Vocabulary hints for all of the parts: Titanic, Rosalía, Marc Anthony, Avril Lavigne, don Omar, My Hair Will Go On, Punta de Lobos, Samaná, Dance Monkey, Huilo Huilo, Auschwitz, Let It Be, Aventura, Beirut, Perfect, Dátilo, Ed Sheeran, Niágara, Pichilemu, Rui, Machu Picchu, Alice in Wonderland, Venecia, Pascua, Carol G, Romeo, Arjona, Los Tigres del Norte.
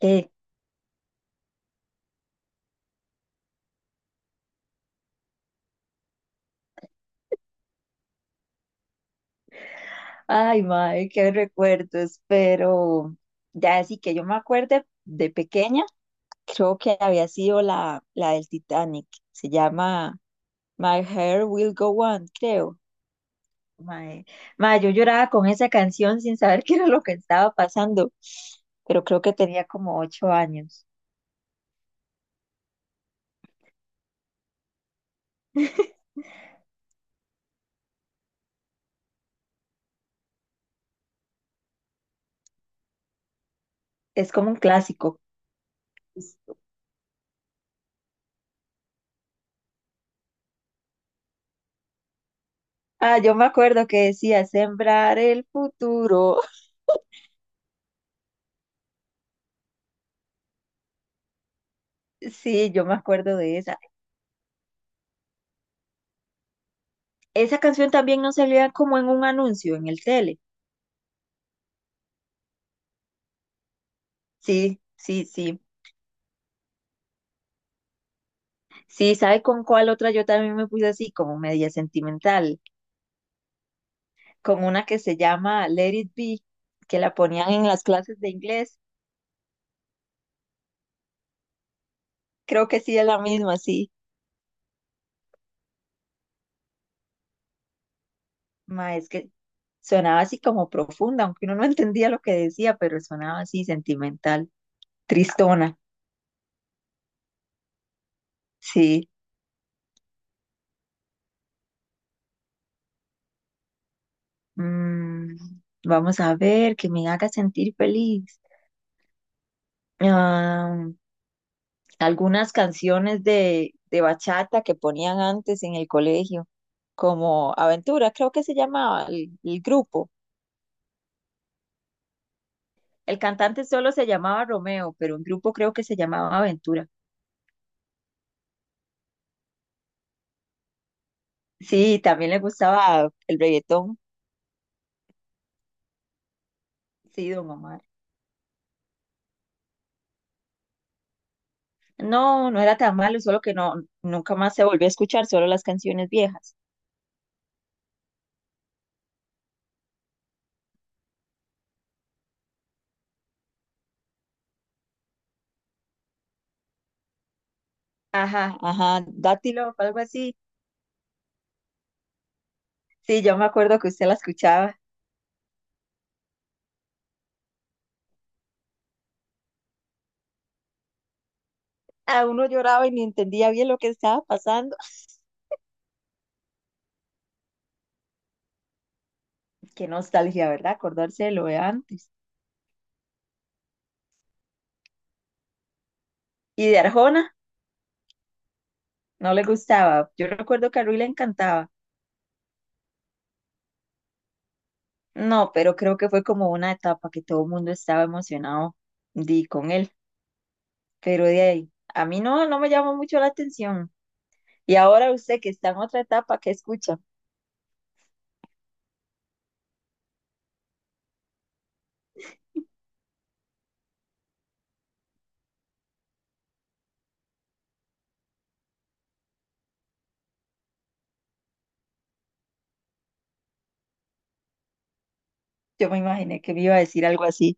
Eh, Ay, madre, qué recuerdos, pero ya así que yo me acuerde de pequeña, creo que había sido la del Titanic, se llama My Hair Will Go On, creo. Mae, mae, yo lloraba con esa canción sin saber qué era lo que estaba pasando, pero creo que tenía como 8 años. Es como un clásico. Ah, yo me acuerdo que decía sembrar el futuro. Sí, yo me acuerdo de esa. Esa canción también no salía como en un anuncio en el tele. Sí, sí, sí. Sí, ¿sabe con cuál otra? Yo también me puse así, como media sentimental, con una que se llama Let It Be, que la ponían en las clases de inglés. Creo que sí es la misma, sí. Ma, es que sonaba así como profunda, aunque uno no entendía lo que decía, pero sonaba así sentimental, tristona. Sí. Mm, vamos a ver, que me haga sentir feliz. Ah, algunas canciones de bachata que ponían antes en el colegio, como Aventura, creo que se llamaba el grupo. El cantante solo se llamaba Romeo, pero un grupo creo que se llamaba Aventura. Sí, también le gustaba el reggaetón, sí, don Omar. No, no era tan malo, solo que no, nunca más se volvió a escuchar, solo las canciones viejas. Ajá, ajá, Dátilo, algo así. Sí, yo me acuerdo que usted la escuchaba. A uno lloraba y ni entendía bien lo que estaba pasando. Qué nostalgia, ¿verdad? Acordarse de lo de antes. Y de Arjona, no le gustaba. Yo recuerdo que a Rui le encantaba. No, pero creo que fue como una etapa que todo el mundo estaba emocionado di, con él. Pero de ahí, a mí no, no me llamó mucho la atención. Y ahora usted que está en otra etapa, ¿qué escucha? Yo me imaginé que me iba a decir algo así.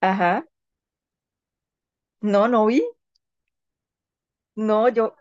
Ajá, no, no vi. No, yo,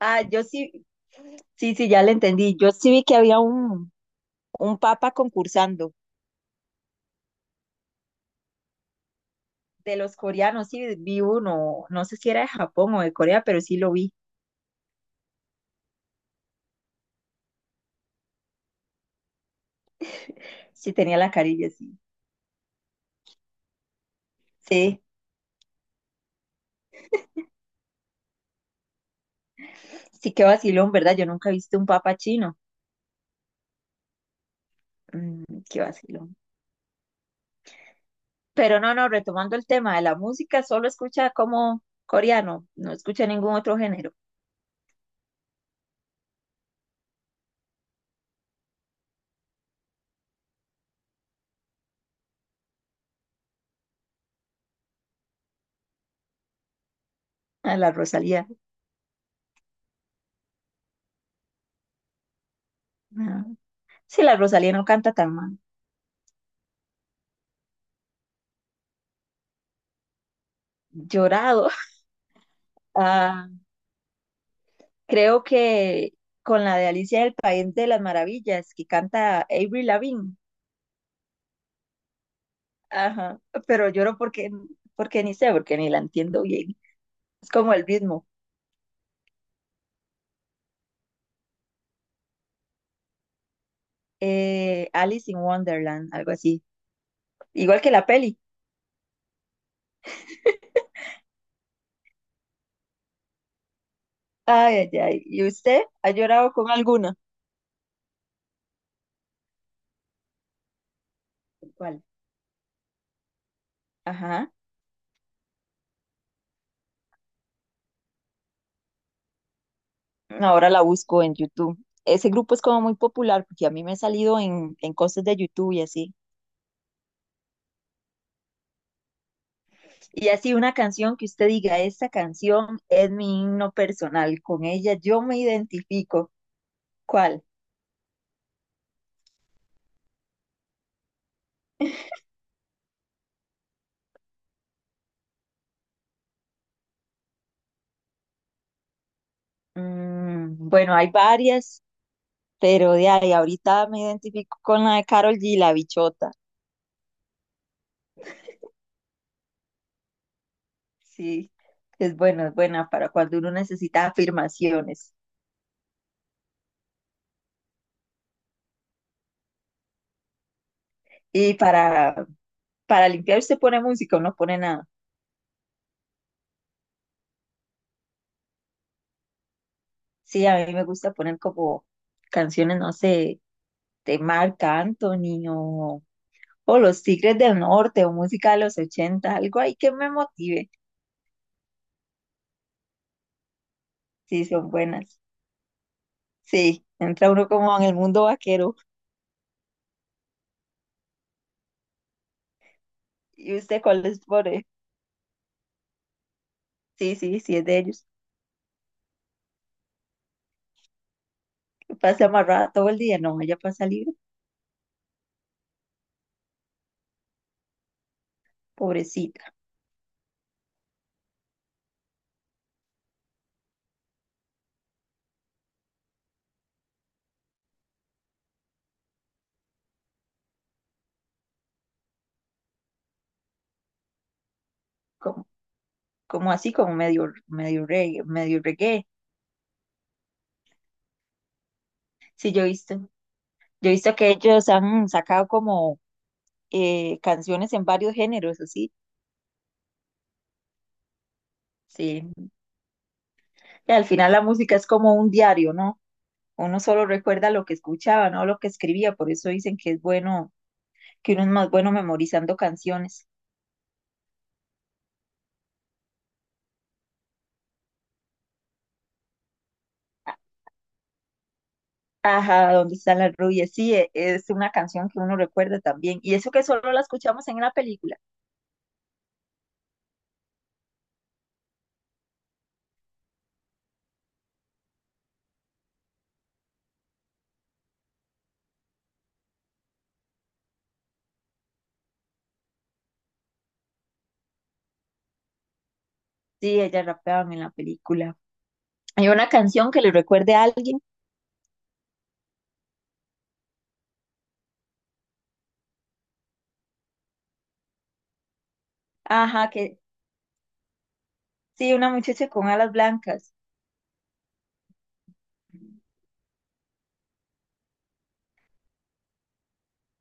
ah, yo sí, sí, sí, ya le entendí. Yo sí vi que había un papa concursando. De los coreanos, sí, vi uno, no sé si era de Japón o de Corea, pero sí lo vi, sí tenía la carilla, sí. Sí, sí, qué vacilón, ¿verdad? Yo nunca he visto un papa chino. Mm, qué vacilón. Pero no, no, retomando el tema de la música, solo escucha como coreano, no escucha ningún otro género. A la Rosalía. Ah, sí, la Rosalía no canta tan mal. Llorado. Ah, creo que con la de Alicia del País de las Maravillas, que canta Avril Lavigne. Ajá, pero lloro porque, ni sé, porque ni la entiendo bien. Es como el ritmo. Alice in Wonderland, algo así. Igual que la peli. Ay, ay, ay. ¿Y usted ha llorado con alguna? ¿Cuál? Ajá. Ahora la busco en YouTube. Ese grupo es como muy popular porque a mí me ha salido en cosas de YouTube y así. Y así una canción que usted diga, esta canción es mi himno personal, con ella yo me identifico. ¿Cuál? Mm, bueno, hay varias. Pero de ahí ahorita me identifico con la de Carol G, la bichota. Sí, es buena para cuando uno necesita afirmaciones. Y para limpiar usted pone música o no pone nada. Sí, a mí me gusta poner como canciones, no sé, de Marc Anthony o Los Tigres del Norte o música de los 80, algo ahí que me motive. Sí, son buenas. Sí, entra uno como en el mundo vaquero. ¿Y usted cuál les pone? Sí, sí, sí, es de ellos. Pasa amarrada todo el día, no, ella pasa libre, pobrecita, como, como así, como medio, medio reggae, medio reggae. Sí, yo he visto que ellos han sacado como canciones en varios géneros, así, sí. Y al final la música es como un diario, ¿no? Uno solo recuerda lo que escuchaba, no lo que escribía, por eso dicen que es bueno, que uno es más bueno memorizando canciones. Ajá, ¿dónde están las rubias? Sí, es una canción que uno recuerda también. Y eso que solo la escuchamos en una película. Sí, ella rapeaba en la película. Hay una canción que le recuerde a alguien. Ajá, que sí, una muchacha con alas blancas.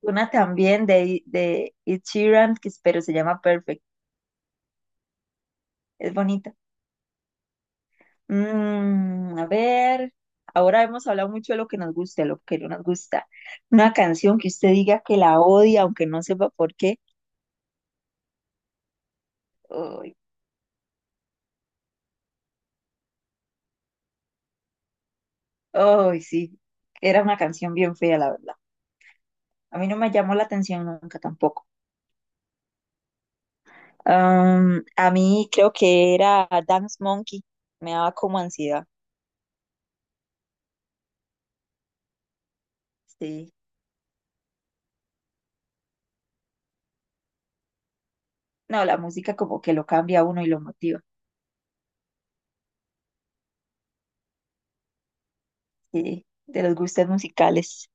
Una también de Ed Sheeran, que espero se llama Perfect. Es bonita. Mm, a ver, ahora hemos hablado mucho de lo que nos gusta, de lo que no nos gusta. Una canción que usted diga que la odia, aunque no sepa por qué. ¡Ay, ay, sí, era una canción bien fea, la verdad. A mí no me llamó la atención nunca tampoco. A mí creo que era Dance Monkey, me daba como ansiedad. Sí. No, la música como que lo cambia a uno y lo motiva. Sí, de los gustos musicales.